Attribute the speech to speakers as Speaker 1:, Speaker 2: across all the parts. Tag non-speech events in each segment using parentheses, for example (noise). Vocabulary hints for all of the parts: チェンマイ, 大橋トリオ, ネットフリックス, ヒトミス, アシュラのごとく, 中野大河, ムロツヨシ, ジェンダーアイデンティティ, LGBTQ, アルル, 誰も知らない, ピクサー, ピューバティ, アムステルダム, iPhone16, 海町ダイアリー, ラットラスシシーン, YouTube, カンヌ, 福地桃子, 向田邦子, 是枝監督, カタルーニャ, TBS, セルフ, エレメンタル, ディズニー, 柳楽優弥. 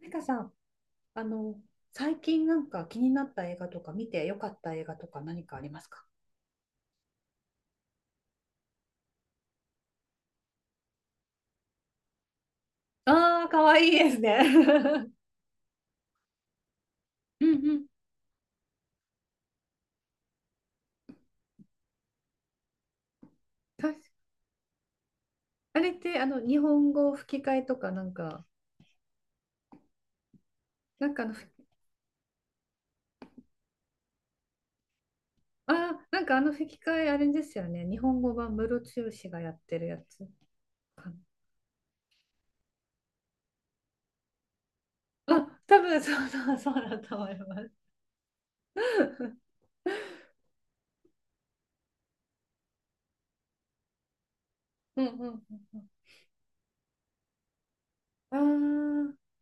Speaker 1: なんかさ、あの、最近なんか気になった映画とか見てよかった映画とか何かありますか？ああー、かわいいですね。(laughs) うんうん、確かあれってあの日本語吹き替えとかなんか、なんかあの、あー、なんかあの吹き替えあれですよね。日本語版ムロツヨシがやってるやつかな。あ、多分そうそうそうだと思います。うんうんうんうん、ああ、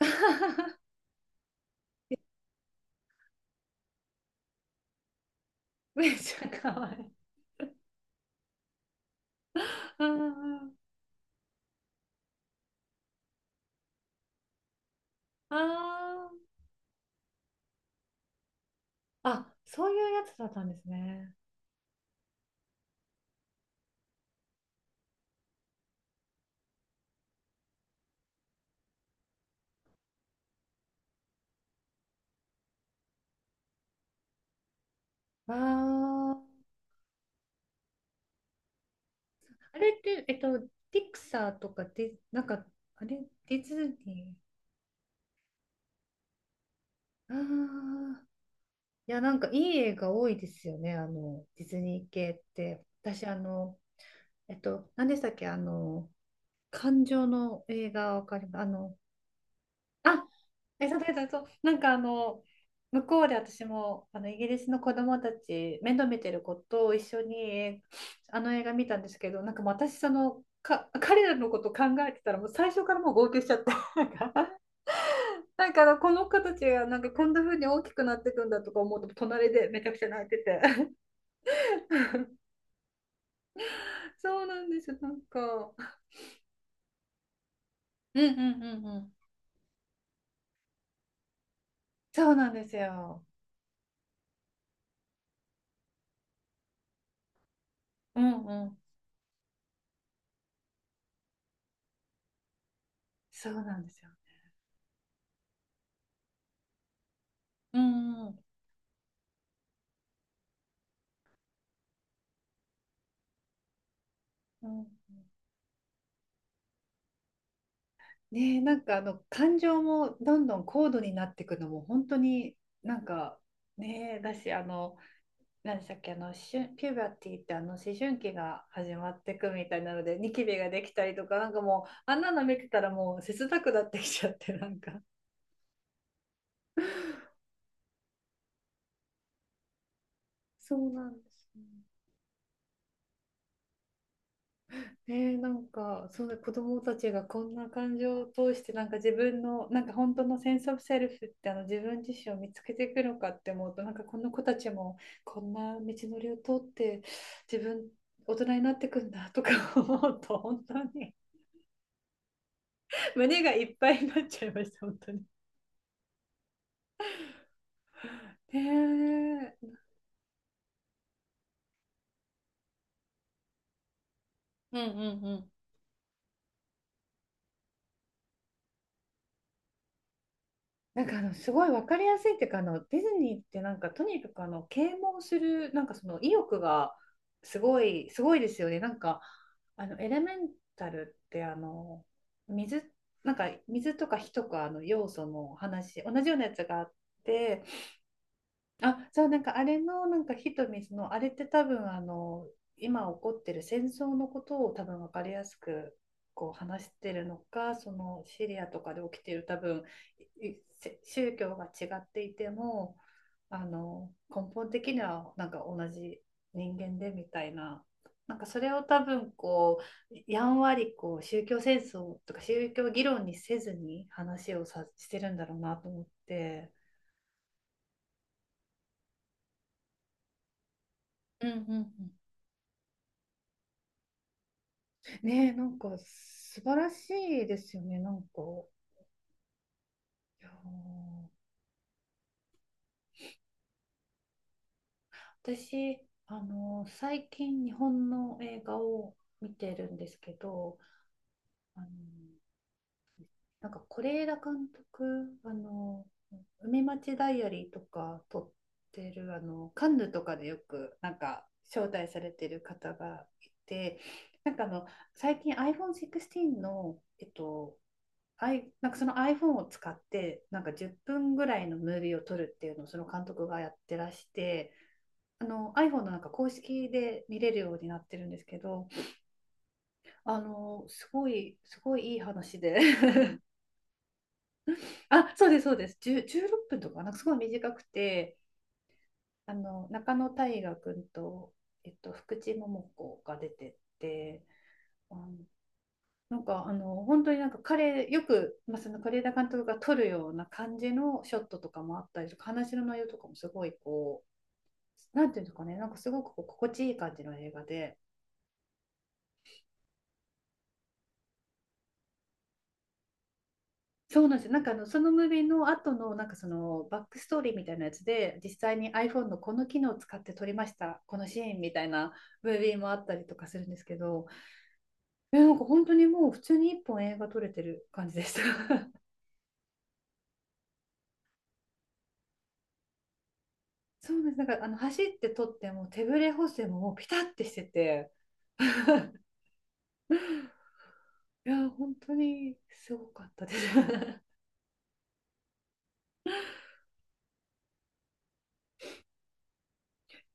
Speaker 1: (laughs) めっちゃかわいい。ああああ、そういうやつだったんですね。ああ、あれって、ピクサーとかで、なんか、あれ、ディズニー。ああ、いや、なんかいい映画多いですよね、あの、ディズニー系って。私、あの、何でしたっけ、あの、感情の映画わかります。あの、あ、え、そうそうそう。なんかあの、向こうで私もあのイギリスの子供たち、面倒見てる子と一緒にあの映画見たんですけど、なんかもう私、その、彼らのこと考えてたら、もう最初からもう号泣しちゃって、なんか、なんかあのこの子たちがなんかこんな風に大きくなっていくんだとか思うと、隣でめちゃくちゃ泣いてて。(laughs) そうなんですよ、なんか。うんうんうんうん。そうなんですよ。うんうん。そうなんですよ。うんうん。うん。ねえ、なんかあの感情もどんどん高度になっていくのも本当になんか、ねえ、だしあの、何でしたっけ、あのピューバティってあの思春期が始まっていくみたいなので、ニキビができたりとか、なんかもうあんなの見てたらもう切なくなってきちゃって、なんか、そうなんですね。ねえ、なんか、そうだ、子供たちがこんな感情を通して、なんか自分の、なんか本当のセンスオブセルフってあの自分自身を見つけていくのかって思うと、なんかこの子たちもこんな道のりを通って自分、大人になってくんだとか思うと、本当に胸がいっぱいになっちゃいました、本当に。ねえ。うんうんうん。なんかあのすごい分かりやすいっていうか、あのディズニーってなんかとにかくあの啓蒙するなんかその意欲がすごい、すごいですよね、なんか、あのエレメンタルってあの水なんか水とか火とかの要素の話、同じようなやつがあって、あ、そう、なんかあれの、なんかヒトミスの、あれって多分、あの、今起こってる戦争のことを多分分かりやすくこう話してるのか、そのシリアとかで起きてる多分、いせ宗教が違っていても、あの、根本的にはなんか同じ人間でみたいな、なんかそれを多分こう、やんわりこう宗教戦争とか宗教議論にせずに話をさしてるんだろうなと思って。うんうんうん。ねえ、なんか素晴らしいですよね、なんか。いやー、私、あの、最近日本の映画を見てるんですけど、あの、なんか是枝監督、あの、海町ダイアリーとか撮ってる、あの、カンヌとかでよく、なんか招待されてる方がいて、なんかあの、最近 iPhone16 の、なんかその iPhone を使って、なんか10分ぐらいのムービーを撮るっていうのをその監督がやってらして、あの iPhone のなんか公式で見れるようになってるんですけど、あのすごい、すごいいい話で。 (laughs) あ、そうです、そうです、10、16分とか、なんかすごい短くて、あの中野大河君と、えっと、福地桃子が出てって、あの、なんかあの本当になんか彼よく、まあ、その是枝監督が撮るような感じのショットとかもあったりとか、話の内容とかもすごいこう、なんていうんですかね、なんかすごくこう心地いい感じの映画で。そうなんですよ、なんかあのそのムービーの後のなんかそのバックストーリーみたいなやつで、実際に iPhone のこの機能を使って撮りましたこのシーンみたいなムービーもあったりとかするんですけど、えなんか本当にもう普通に一本映画撮れてる感じでした。(laughs) そうです、なんかあの走って撮っても手ぶれ補正ももうピタッてしてて、いや、本当にすごかったです。(laughs)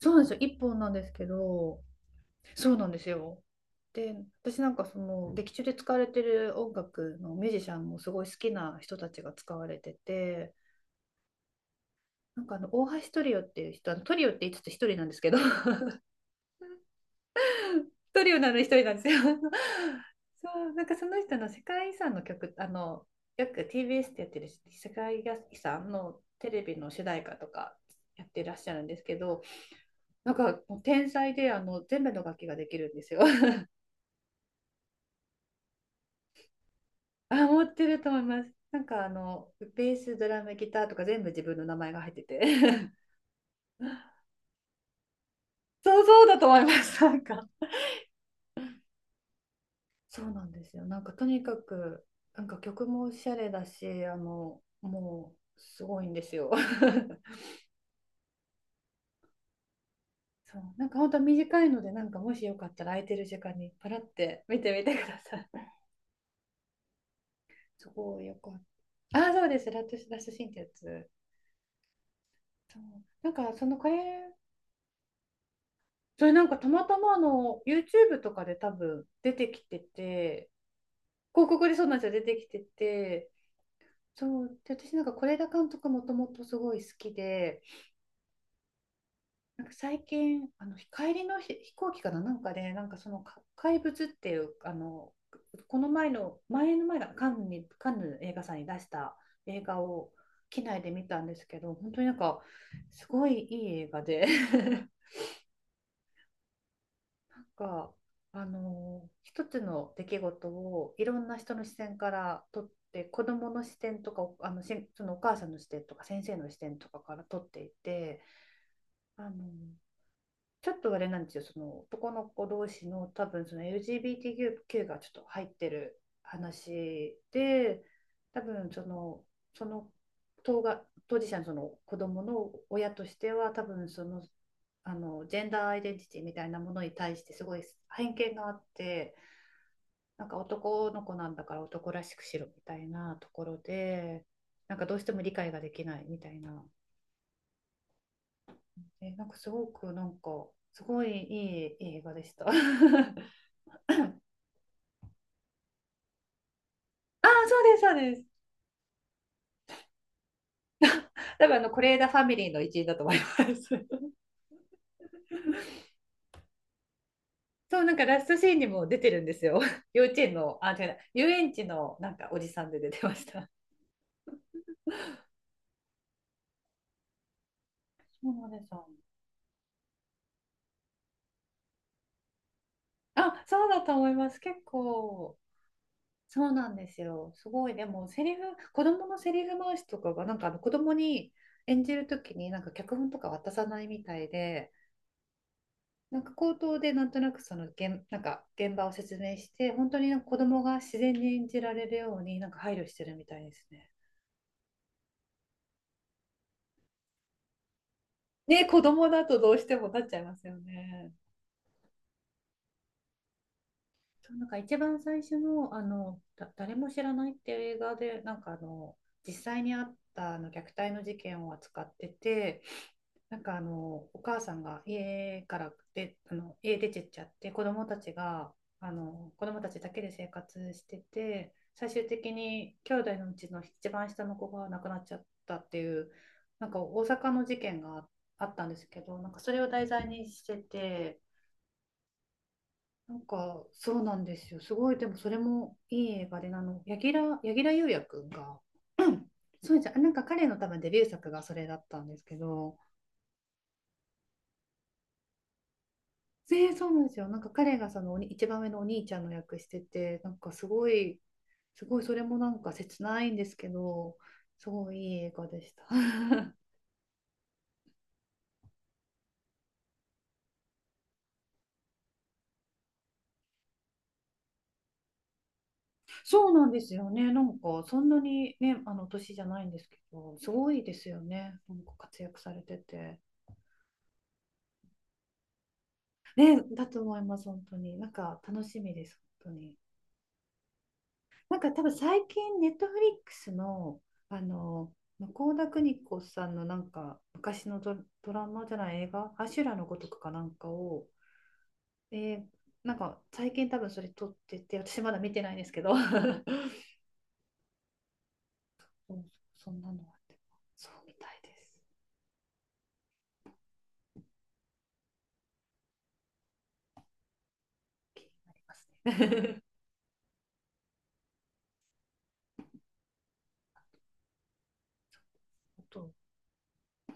Speaker 1: そうなんですよ、一本なんですけど、そうなんですよ。で、私なんかその劇中で使われてる音楽のミュージシャンもすごい好きな人たちが使われてて、なんかあの大橋トリオっていう人、あのトリオって言いつつ一人なんですけど、(laughs) トリオなのに一人なんですよ。(laughs) そう、なんかその人の世界遺産の曲、あの、よく TBS ってやってる世界遺産のテレビの主題歌とかやってらっしゃるんですけど、なんかもう天才であの全部の楽器ができるんですよ。(laughs) あ、持ってると思います。なんかあのベース、ドラム、ギターとか全部自分の名前が入ってて。(laughs) そうそうだと思います。なんか。そうなんですよ。なんかとにかく、なんか曲もおしゃれだし、あの、もうすごいんですよ。(laughs) そう、なんか本当は短いので、なんかもしよかったら空いてる時間にパラって見てみてください。(laughs) すごいよかった。あ、そうです。ラットラスシシーンってやつ。そう、なんかそのこれそれなんかたまたまあの YouTube とかで多分出てきてて、広告でそうなんですよ、出てきてて、そう、で私なんか是枝監督もともとすごい好きで、なんか最近、あの帰りの飛行機かな、なんかで、なんかその怪物っていう、あの、この前の、前の前がカンヌに、カンヌ映画祭に出した映画を機内で見たんですけど、本当になんかすごいいい映画で。 (laughs) か、あの一つの出来事をいろんな人の視線から撮って、子どもの視点とか、お、あのしそのお母さんの視点とか先生の視点とかから撮っていて、あのー、ちょっとあれなんですよ、その男の子同士の多分その LGBTQ がちょっと入ってる話で、多分その、その当事者のその子供の親としては、多分その、あのジェンダーアイデンティティみたいなものに対してすごい偏見があって、なんか男の子なんだから男らしくしろみたいなところで、なんかどうしても理解ができないみたいな、え、なんかすごくなんか、すごいいい映画でした。(laughs) ああ、そうです、そうです。多分あの、是枝ファミリーの一員だと思います。(laughs) そう、なんかラストシーンにも出てるんですよ。(laughs) 幼稚園の、あ、違うな、遊園地のなんかおじさんで出てました。そうなんですよ。あ、そうだと思います。結構、そうなんですよ。すごい、でも、セリフ、子供のセリフ回しとかが、なんかあの子供に演じるときに、なんか脚本とか渡さないみたいで、なんか口頭でなんとなくそのなんか現場を説明して、本当になんか子供が自然に演じられるようになんか配慮してるみたいですね。ね、子供だとどうしてもなっちゃいますよね。そう、なんか一番最初の、あの、だ、誰も知らないっていう映画で、なんかあの、実際にあったあの虐待の事件を扱ってて、なんかあのお母さんが家からで、あの家出てっちゃって、子供たちだけで生活してて、最終的に兄弟のうちの一番下の子が亡くなっちゃったっていう、なんか大阪の事件があったんですけど、なんかそれを題材にしてて、なんかそうなんですよ、すごい、でもそれもいい映画で、あの柳楽優弥くんがうん、 (clears throat) そうじゃん、なんか彼の多分デビュー作がそれだったんですけど、えーそうなんですよ。なんか彼がその一番上のお兄ちゃんの役してて、なんかすごい、すごいそれもなんか切ないんですけど、すごいいい映画でした。(laughs) そうなんですよね。なんかそんなにね、あの年じゃないんですけど、すごいですよね。なんか活躍されてて。ね、だと思います、本当に。なんか楽しみです、本当に。なんか多分最近、ネットフリックスの、あの、向田邦子さんのなんか昔のド、ドラマじゃない映画、アシュラのごとくかなんかを、えー、なんか最近多分それ撮ってて、私まだ見てないんですけど、(laughs) そう、そんなのあって、そうみたいです。気になりますね。(laughs) あと、